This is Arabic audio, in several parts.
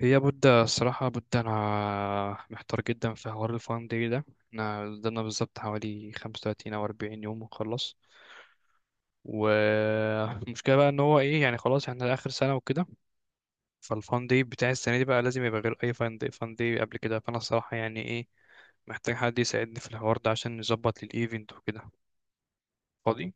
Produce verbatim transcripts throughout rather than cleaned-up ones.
هي بود الصراحة بود أنا محتار جدا في حوار الفان داي ده. احنا قدامنا بالظبط حوالي خمسة وتلاتين أو أربعين يوم ونخلص، والمشكلة بقى إن هو إيه يعني خلاص احنا آخر سنة وكده، فالفان داي بتاع السنة دي بقى لازم يبقى غير أي فان داي، فان داي قبل كده، فأنا الصراحة يعني إيه، محتاج حد يساعدني في الحوار ده عشان نظبط للإيفنت وكده. فاضي؟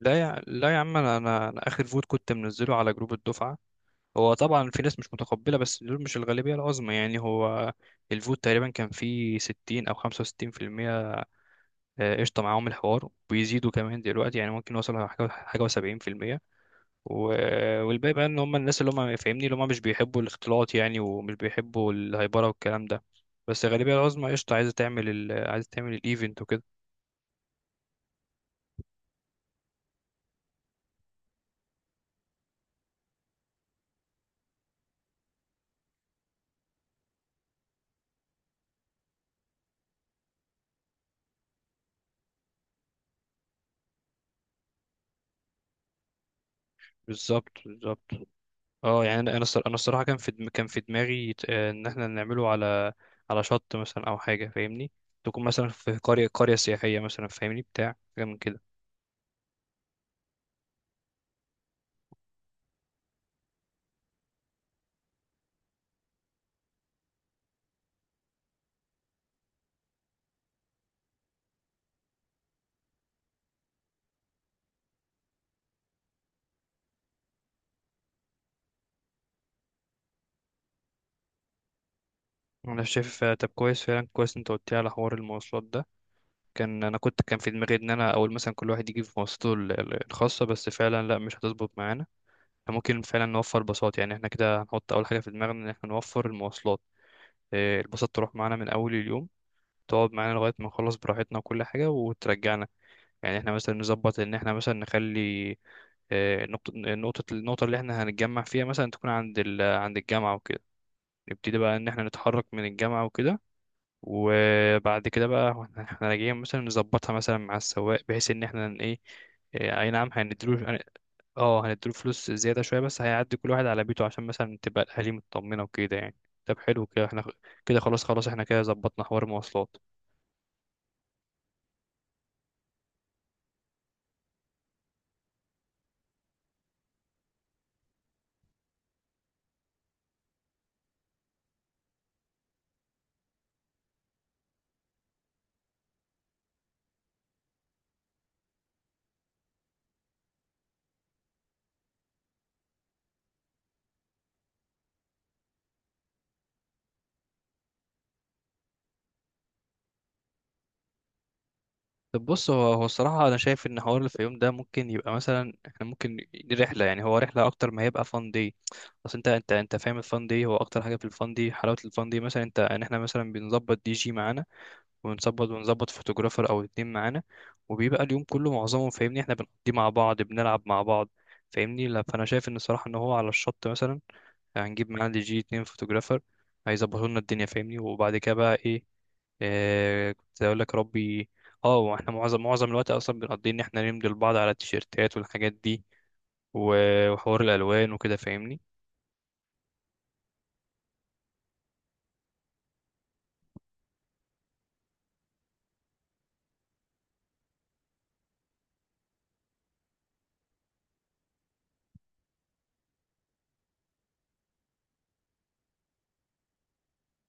لا يا، لا يا عم، أنا أنا أنا آخر فوت كنت منزله على جروب الدفعة. هو طبعا في ناس مش متقبلة بس دول مش الغالبية العظمى، يعني هو الفوت تقريبا كان فيه ستين أو خمسة وستين في المية. آه، قشطة معاهم الحوار وبيزيدوا كمان دلوقتي، يعني ممكن يوصلوا حاجة، حاجة وسبعين في المية. و- والباقي بقى إن هم الناس اللي هم، فاهمني، اللي هم مش بيحبوا الاختلاط يعني، ومش بيحبوا الهيبرة والكلام ده. بس الغالبية العظمى قشطة عايزة تعمل ال... عايزة تعمل الإيفنت وكده. بالظبط بالظبط. اه يعني انا انا الصرا- أنا الصراحه كان في دم- كان في دماغي ت- آه، ان احنا نعمله على على شط مثلا او حاجه، فاهمني، تكون مثلا في قريه، قريه سياحيه مثلا، فاهمني، بتاع حاجه من كده. انا شايف. آه، طب كويس، فعلا كويس انت قلت لي على حوار المواصلات ده. كان انا كنت كان في دماغي ان انا اول مثلا كل واحد يجيب مواصلاته ال- ال- الخاصه، بس فعلا لا، مش هتظبط معانا. إحنا ممكن فعلا نوفر باصات، يعني احنا كده هنحط اول حاجه في دماغنا ان احنا نوفر المواصلات. آه، الباصات تروح معانا من اول اليوم، تقعد معانا لغايه ما نخلص براحتنا وكل حاجه وترجعنا. يعني احنا مثلا نظبط ان احنا مثلا نخلي آه، نقطة، نقطة النقطة اللي احنا هنتجمع فيها مثلا تكون عند ال... عند الجامعة وكده. نبتدي بقى ان احنا نتحرك من الجامعة وكده. وبعد كده بقى واحنا- احنا راجعين مثلا نظبطها مثلا مع السواق بحيث ان احنا ن- ايه آه، اي نعم هنديله هن- اه هنديله فلوس زيادة شوية، بس هيعدي كل واحد على بيته عشان مثلا تبقى الاهالي مطمنة وكده يعني. طب حلو كده احنا خ- كده خلاص، خلاص احنا كده ظبطنا حوار المواصلات. طب بص، هو هو الصراحة أنا شايف إن حوار الفيوم ده ممكن يبقى مثلا، إحنا ممكن دي رحلة، يعني هو رحلة أكتر ما هيبقى فان دي. أصل أنت أنت أنت فاهم، الفان دي هو أكتر حاجة في الفان دي حلاوة الفان دي مثلا أنت إن إحنا مثلا بنظبط دي جي معانا، ونظبط ونظبط فوتوغرافر أو اتنين معانا، وبيبقى اليوم كله معظمه، فاهمني، إحنا بنقضيه مع بعض، بنلعب مع بعض، فاهمني. لا، فأنا شايف إن الصراحة إن هو على الشط مثلا، هنجيب معاه دي جي، اتنين فوتوجرافر، هيظبطوا لنا الدنيا، فاهمني. وبعد كده بقى ايه، آه كنت اقول لك، يا ربي. اه، واحنا معظم معظم الوقت اصلا بنقضي ان احنا نمضي لبعض على التيشيرتات والحاجات دي و- وحوار الالوان وكده، فاهمني.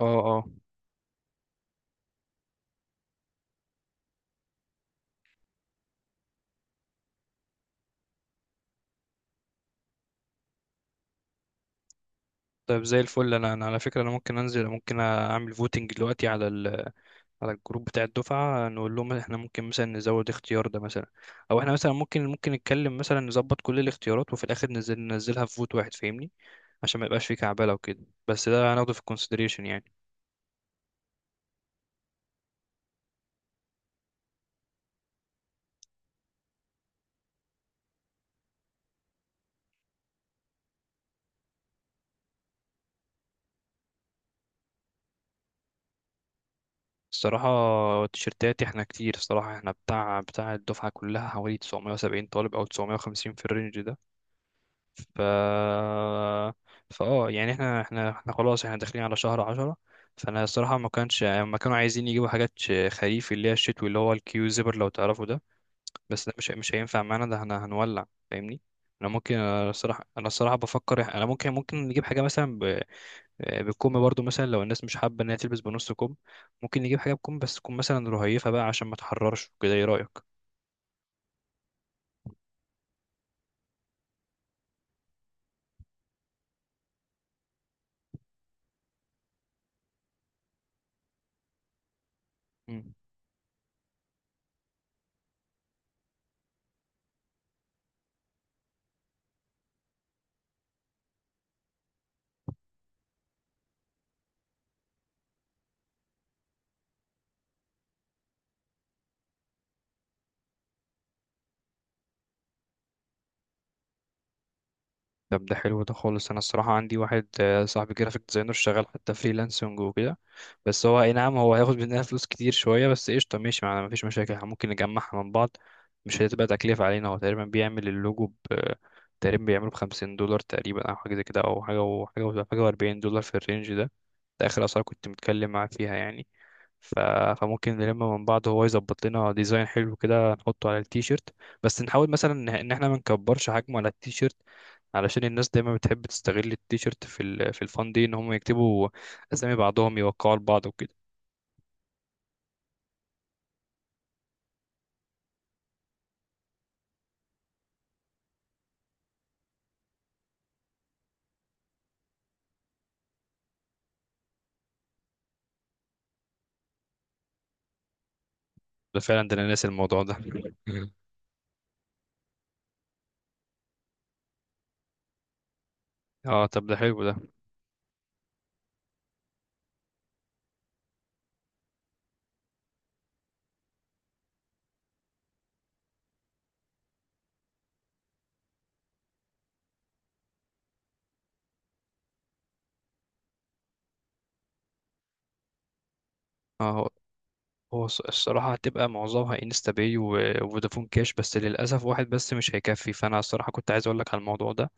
اه اه. طيب زي الفل. انا انا على فكره، انا ممكن انزل، ممكن اعمل فوتنج دلوقتي على ال... على الجروب بتاع الدفعه، نقول لهم احنا ممكن مثلا نزود اختيار ده مثلا، او احنا مثلا ممكن ممكن نتكلم مثلا نظبط كل الاختيارات وفي الاخر ننزل ننزلها في فوت واحد، فاهمني، عشان ما يبقاش فيه كعبله وكده، بس ده هناخده في الكونسيدريشن يعني. الصراحه التيشيرتات احنا كتير، الصراحه احنا بتاع بتاع الدفعه كلها حوالي تسعمائة وسبعين طالب او تسعمائة وخمسين في الرينج ده. ف فاه يعني احنا احنا احنا خلاص احنا داخلين على شهر عشرة، فانا الصراحه ما كانش ما كانوا عايزين يجيبوا حاجات ش- خريف، اللي هي الشتوي، اللي هو الكيو زيبر، لو تعرفوا ده، بس ده مش مش هينفع معانا، ده احنا هنولع، فاهمني. انا ممكن، انا الصراحه انا الصراحه بفكر إح- انا ممكن، ممكن نجيب حاجه مثلا، آه، بالكم برضو مثلا لو الناس مش حابة إن هي تلبس بنص كم، ممكن نجيب حاجة بكم بس تكون مثلا رهيفة بقى عشان ما تحررش كده. إيه رأيك؟ مم. طب ده حلو ده خالص. أنا الصراحة عندي واحد، آه، صاحبي جرافيك ديزاينر شغال حتى فريلانسنج وكده. بس هو، أي نعم، هو هياخد مننا فلوس كتير شوية، بس قشطة ماشي معانا مفيش مشاكل، إحنا ممكن نجمعها من بعض، مش هتبقى تكلفة علينا. هو تقريبا بيعمل اللوجو ب، تقريبا بيعمله بخمسين دولار تقريبا، أو حاجة زي كده، أو حاجة وحاجة وحاجة وأربعين دولار في الرينج ده. ده آخر أسعار كنت متكلم معاه فيها يعني. ف... فممكن نلم من بعض، هو يظبط لنا ديزاين حلو كده نحطه على التيشيرت، بس نحاول مثلا ان إن احنا ما نكبرش حجمه على التيشيرت، علشان الناس دايما بتحب تستغل التيشيرت في ال... في الفان دي ان هم يكتبوا اسامي بعضهم، يوقعوا لبعض وكده. ده فعلا، ده انا ناسي الموضوع ده. اه، طب ده حلو ده. اه، هو هو الص- الصراحة هتبقى معظمها انستا باي و- وفودافون كاش، بس للأسف واحد بس مش هيكفي، فأنا الصراحة كنت عايز أقولك على الموضوع ده،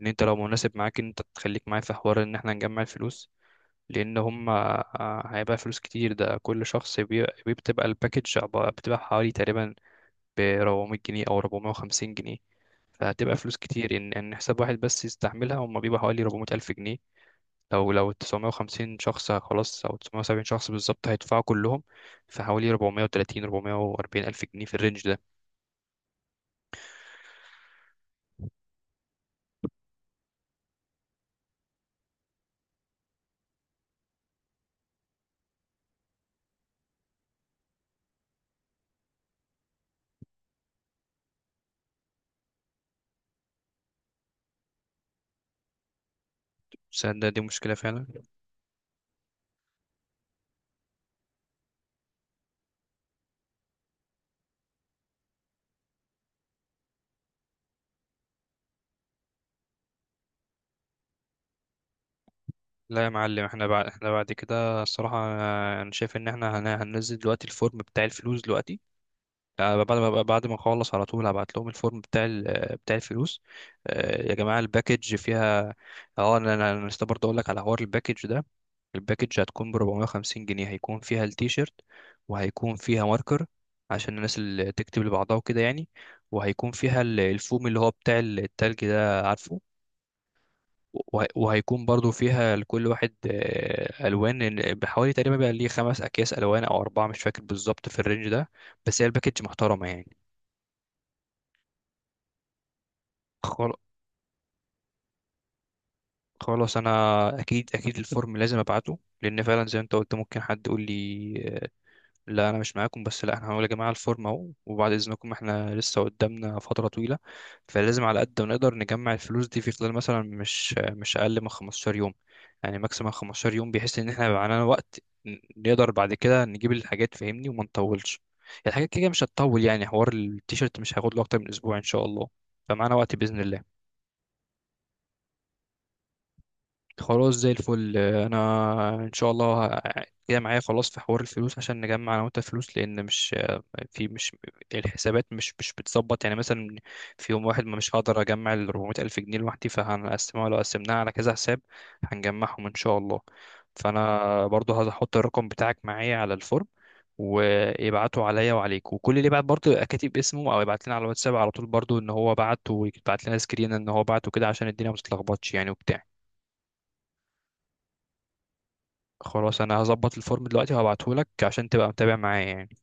إن أنت لو مناسب معاك إن أنت تخليك معايا في حوار إن احنا نجمع الفلوس، لان هم، آه، هيبقى فلوس كتير ده، كل شخص بي- بي- بتبقى الباكج عب- بتبقى حوالي تقريبا ب أربعمية جنيه او أربعمية وخمسين جنيه. فهتبقى فلوس كتير ان ان حساب واحد بس يستحملها. هم بيبقى حوالي أربعمائة الف جنيه، لو لو تسعمائة وخمسين شخص خلاص، او تسعمية وسبعين شخص بالظبط هيدفعوا كلهم، فحوالي أربعمية وتلاتين أربعمائة وأربعين الف جنيه في الرينج ده. تصدق دي مشكلة فعلا. لا يا معلم، احنا بعد، احنا بعد كده الصراحة، آه، انا شايف ان احنا هن- هننزل دلوقتي الفورم بتاع الفلوس دلوقتي. آه، بعد ما، بعد ما اخلص على طول هبعت لهم الفورم بتاع ال- بتاع الفلوس. آه، يا جماعه الباكج فيها، اه، انا انا أنا لسه برضه اقول لك على حوار الباكج ده. الباكج هتكون ب أربعمائة وخمسين جنيه، هيكون فيها التيشيرت، وهيكون فيها ماركر عشان الناس اللي تكتب لبعضها وكده يعني، وهيكون فيها ال- الفوم اللي هو بتاع ال- التلج ده، عارفه. وه- وهيكون برضو فيها لكل واحد آه، الوان بحوالي تقريبا بقى ليه خمس اكياس الوان او اربعه، مش فاكر بالظبط، في الرينج ده، بس هي الباكج محترمه يعني. خلاص انا، اكيد اكيد الفورم لازم ابعته، لان فعلا زي ما انت قلت، ممكن حد يقول لي، آه، لا انا مش معاكم، بس لا احنا هنقول يا جماعه الفورم اهو، وبعد اذنكم احنا لسه قدامنا فتره طويله، فلازم على قد ما نقدر نجمع الفلوس دي في خلال مثلا مش مش اقل من خمستاشر يوم، يعني ماكسيمم خمستاشر يوم، بحيث ان احنا يبقى معانا وقت، ن- نقدر بعد كده نجيب الحاجات، فاهمني، وما نطولش، الحاجات كده مش هتطول يعني، حوار التيشيرت مش هياخد له اكتر من اسبوع ان شاء الله، فمعانا وقت باذن الله. خلاص زي الفل، انا ان شاء الله ه- جاي معايا خلاص في حوار الفلوس عشان نجمع انا وانت فلوس، لان مش، في مش الحسابات مش مش بتظبط يعني مثلا في يوم واحد، ما مش هقدر اجمع ال أربعمائة الف جنيه لوحدي، فهنقسمها، لو قسمناها على كذا حساب هنجمعهم ان شاء الله. فانا برضو هحط الرقم بتاعك معايا على الفورم، ويبعتوا عليا وعليك، وكل اللي يبعت برضو يبقى كاتب اسمه، او يبعت لنا على الواتساب على طول برضو ان هو بعت، ويبعت لنا سكرين ان هو بعت وكده، عشان الدنيا ما تتلخبطش يعني وبتاع. خلاص انا هظبط الفورم دلوقتي وهبعته لك عشان تبقى متابع معايا يعني.